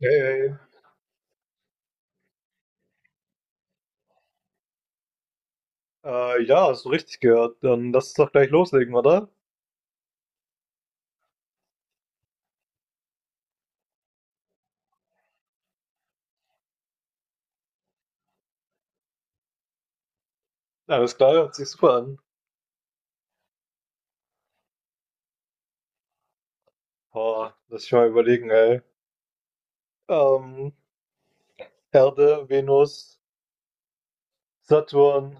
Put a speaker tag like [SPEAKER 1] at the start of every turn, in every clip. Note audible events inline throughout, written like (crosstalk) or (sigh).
[SPEAKER 1] Hey, hey. Ja, hast du richtig gehört. Dann lass uns doch gleich loslegen, oder? Alles klar, hört sich super an. Boah, lass ich mal überlegen, ey. Ähm, Erde, Venus, Saturn,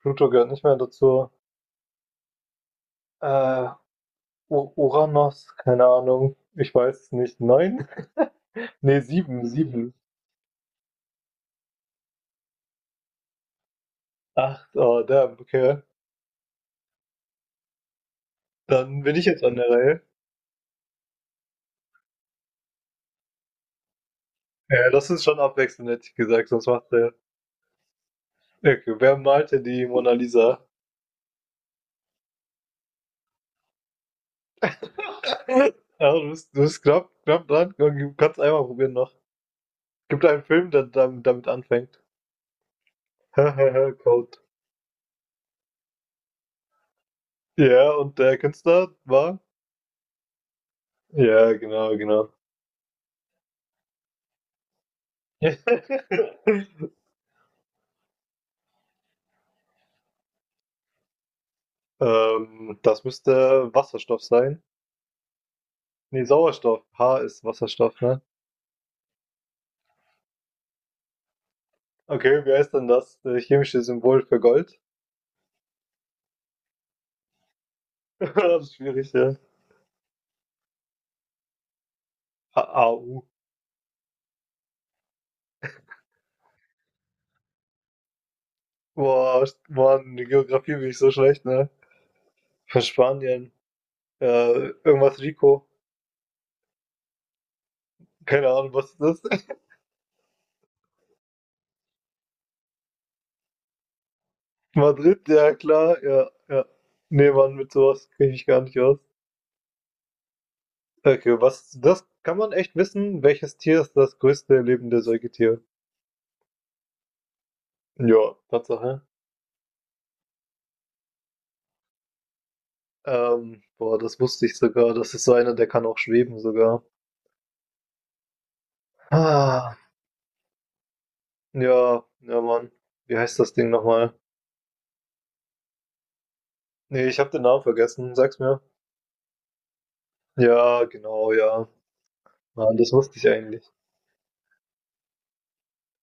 [SPEAKER 1] Pluto gehört nicht mehr dazu. Äh, U Uranus, keine Ahnung. Ich weiß es nicht. Neun? (laughs) Nee, sieben, sieben. Acht, oh, damn, okay. Dann bin ich jetzt an der Reihe. Ja, das ist schon abwechseln, hätte ich gesagt, sonst macht der. Okay, wer malte die Mona Lisa? Ja, du bist knapp, knapp dran. Du kannst einmal probieren noch. Gibt einen Film, der damit anfängt. (laughs) Code. Ja, und der Künstler war? Ja, genau, genau. (laughs) Das müsste Wasserstoff sein. Nee, Sauerstoff. H ist Wasserstoff, ne? Okay, wie heißt denn das? Chemische Symbol für Gold? (laughs) Das ist schwierig, ja. AU. Boah, Mann, die Geografie bin ich so schlecht, ne? Von Spanien. Irgendwas Rico. Keine Ahnung, was ist das. Madrid, ja klar, ja, ja. Nee, Mann, mit sowas kriege ich gar nicht aus. Okay, was, das kann man echt wissen, welches Tier ist das größte lebende Säugetier? Ja, Tatsache. Boah, das wusste ich sogar. Das ist so einer, der kann auch schweben sogar. Ah, ja, ja, Mann. Wie heißt das Ding nochmal? Nee, ich habe den Namen vergessen. Sag's mir. Ja, genau, ja. Mann, das wusste ich eigentlich.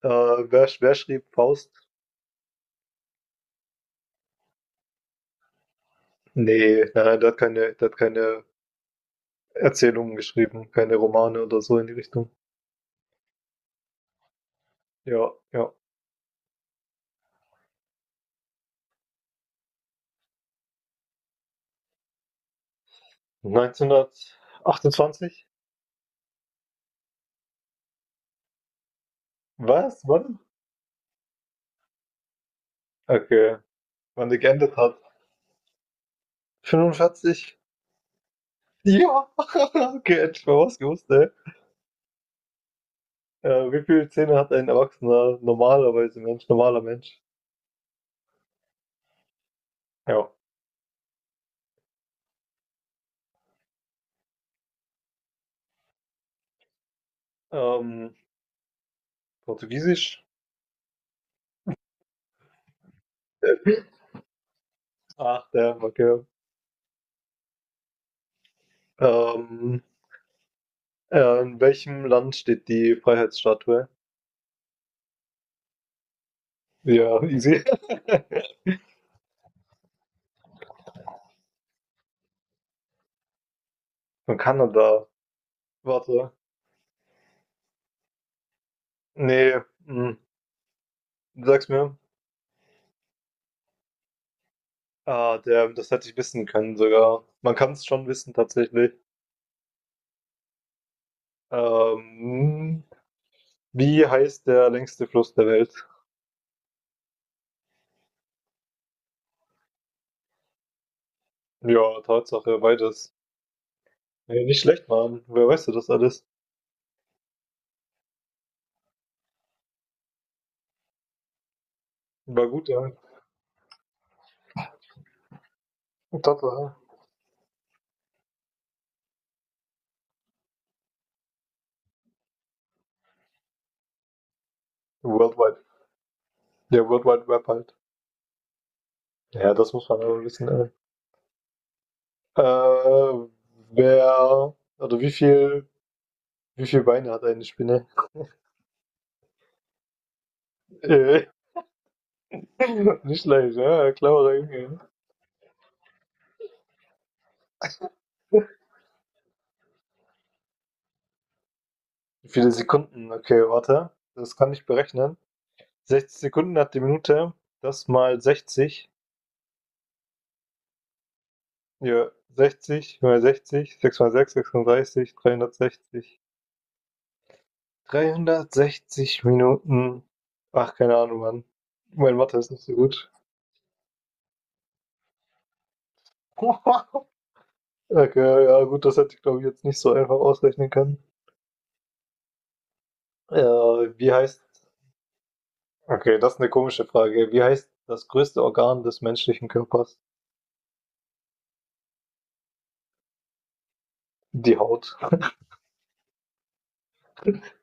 [SPEAKER 1] Äh, wer schrieb Faust? Nee, nein, der hat keine Erzählungen geschrieben, keine Romane oder so in die Richtung. Ja, ja. 1928? Was? Wann? Okay. Wann die geendet hat? 45? Ja! (laughs) Okay, hätte ich mal was gewusst, ey. Wie viele Zähne hat ein Erwachsener normalerweise Mensch, normaler Mensch? Ja. Ähm, Portugiesisch? Ach, der, okay. Ähm, in welchem Land steht die Freiheitsstatue? Ja, easy. (laughs) Von Kanada. Warte. Nee, du sagst mir. Ah, der das hätte ich wissen können sogar. Man kann es schon wissen tatsächlich. Ähm, wie heißt der längste Fluss der Welt? Ja, Tatsache, beides. Ey, nicht schlecht, Mann. Wer weiß du das alles? War gut, ja. Tatsache. Worldwide. Der World Wide Web halt. Ja, das muss man aber wissen, ey. Äh, wer, oder wie viel Beine hat eine Spinne? Äh, (laughs) nicht leicht, ja, cleverer Junge. Wie viele Sekunden? Okay, warte. Das kann ich berechnen. 60 Sekunden hat die Minute. Das mal 60. Ja, 60 mal 60, 6 mal 6, 36, 360. 360 Minuten. Ach, keine Ahnung, Mann. Mein Mathe ist nicht so gut. (laughs) Okay, ja, gut, das hätte ich glaube ich jetzt nicht so einfach ausrechnen können. Ja. wie heißt. Okay, das ist eine komische Frage. Wie heißt das größte Organ des menschlichen Körpers? Die Haut. (laughs)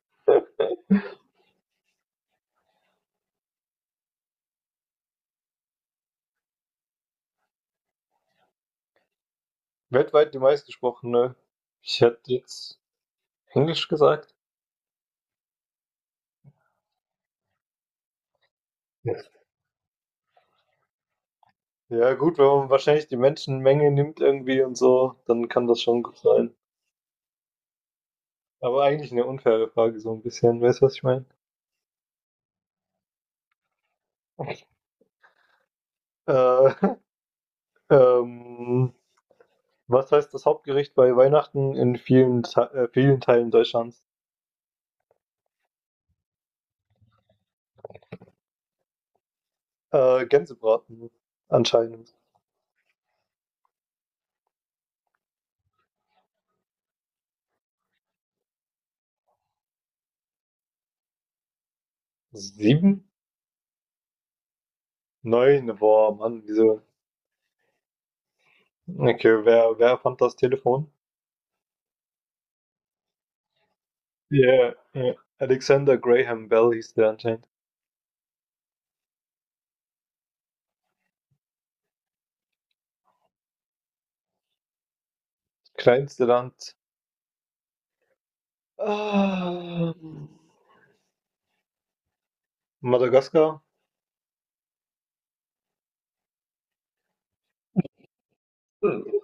[SPEAKER 1] Weltweit die meistgesprochene. Ich hätte jetzt Englisch gesagt. Ja, ja, gut, wenn man wahrscheinlich die Menschenmenge nimmt irgendwie und so, dann kann das schon gut sein. Aber eigentlich eine unfaire Frage, so ein bisschen. Weißt du, was ich meine? Äh, (laughs) ähm, was heißt das Hauptgericht bei Weihnachten in vielen Teilen Deutschlands? Gänsebraten, anscheinend. Sieben? Neun? Boah, Mann, wieso? Okay, wer fand das Telefon? Ja, ja. Alexander Graham Bell hieß der anscheinend. Kleinste Land. Ah, Madagaskar? Okay,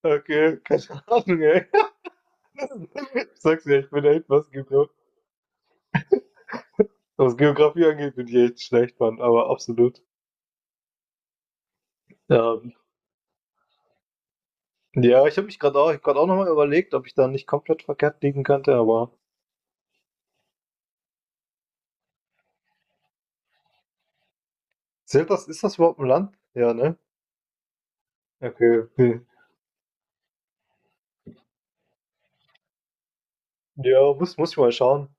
[SPEAKER 1] keine Ahnung, ey. Ich sag's dir, ich bin echt, was, Geograf, was Geografie angeht, bin ich echt schlecht, Mann, aber absolut. Ähm, ja, ich hab grad auch nochmal überlegt, ob ich da nicht komplett verkehrt liegen könnte, aber zählt das, ist das überhaupt ein Land? Ja, ne? Okay. Hm. Ja, muss ich mal schauen.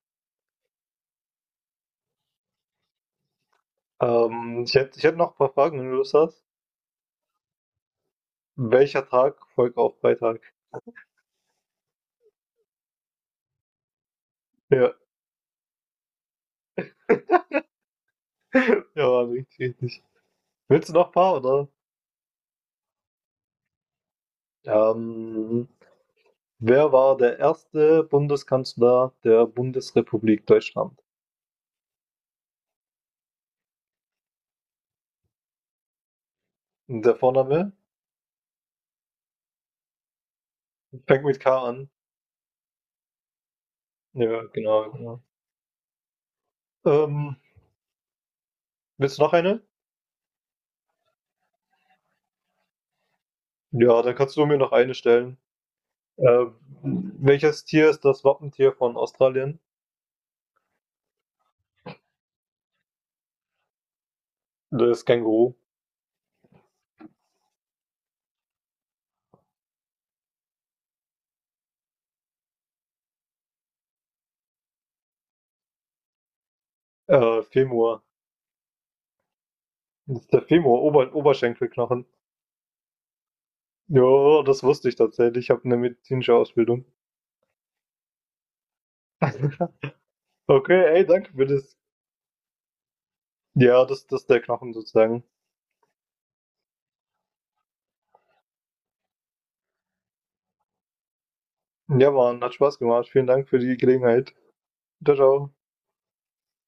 [SPEAKER 1] Ich hätte noch ein paar Fragen, wenn du Lust hast. Welcher Tag folgt auf Freitag? Ja, ja, richtig, richtig. Willst du noch ein paar, oder? Ähm, Wer war der erste Bundeskanzler der Bundesrepublik Deutschland? Der Vorname fängt mit K an. Ja, genau, genau. Ähm, willst du noch eine? Ja, dann kannst du mir noch eine stellen. Äh, welches Tier ist das Wappentier von Australien? Das Känguru. Femur. Das ist der Femur, Oberschenkelknochen. Ja, das wusste ich tatsächlich. Ich habe eine medizinische Ausbildung. Okay, ey, danke für das. Ja, das ist der Knochen sozusagen. Ja, Mann, hat Spaß gemacht. Vielen Dank für die Gelegenheit. Widerau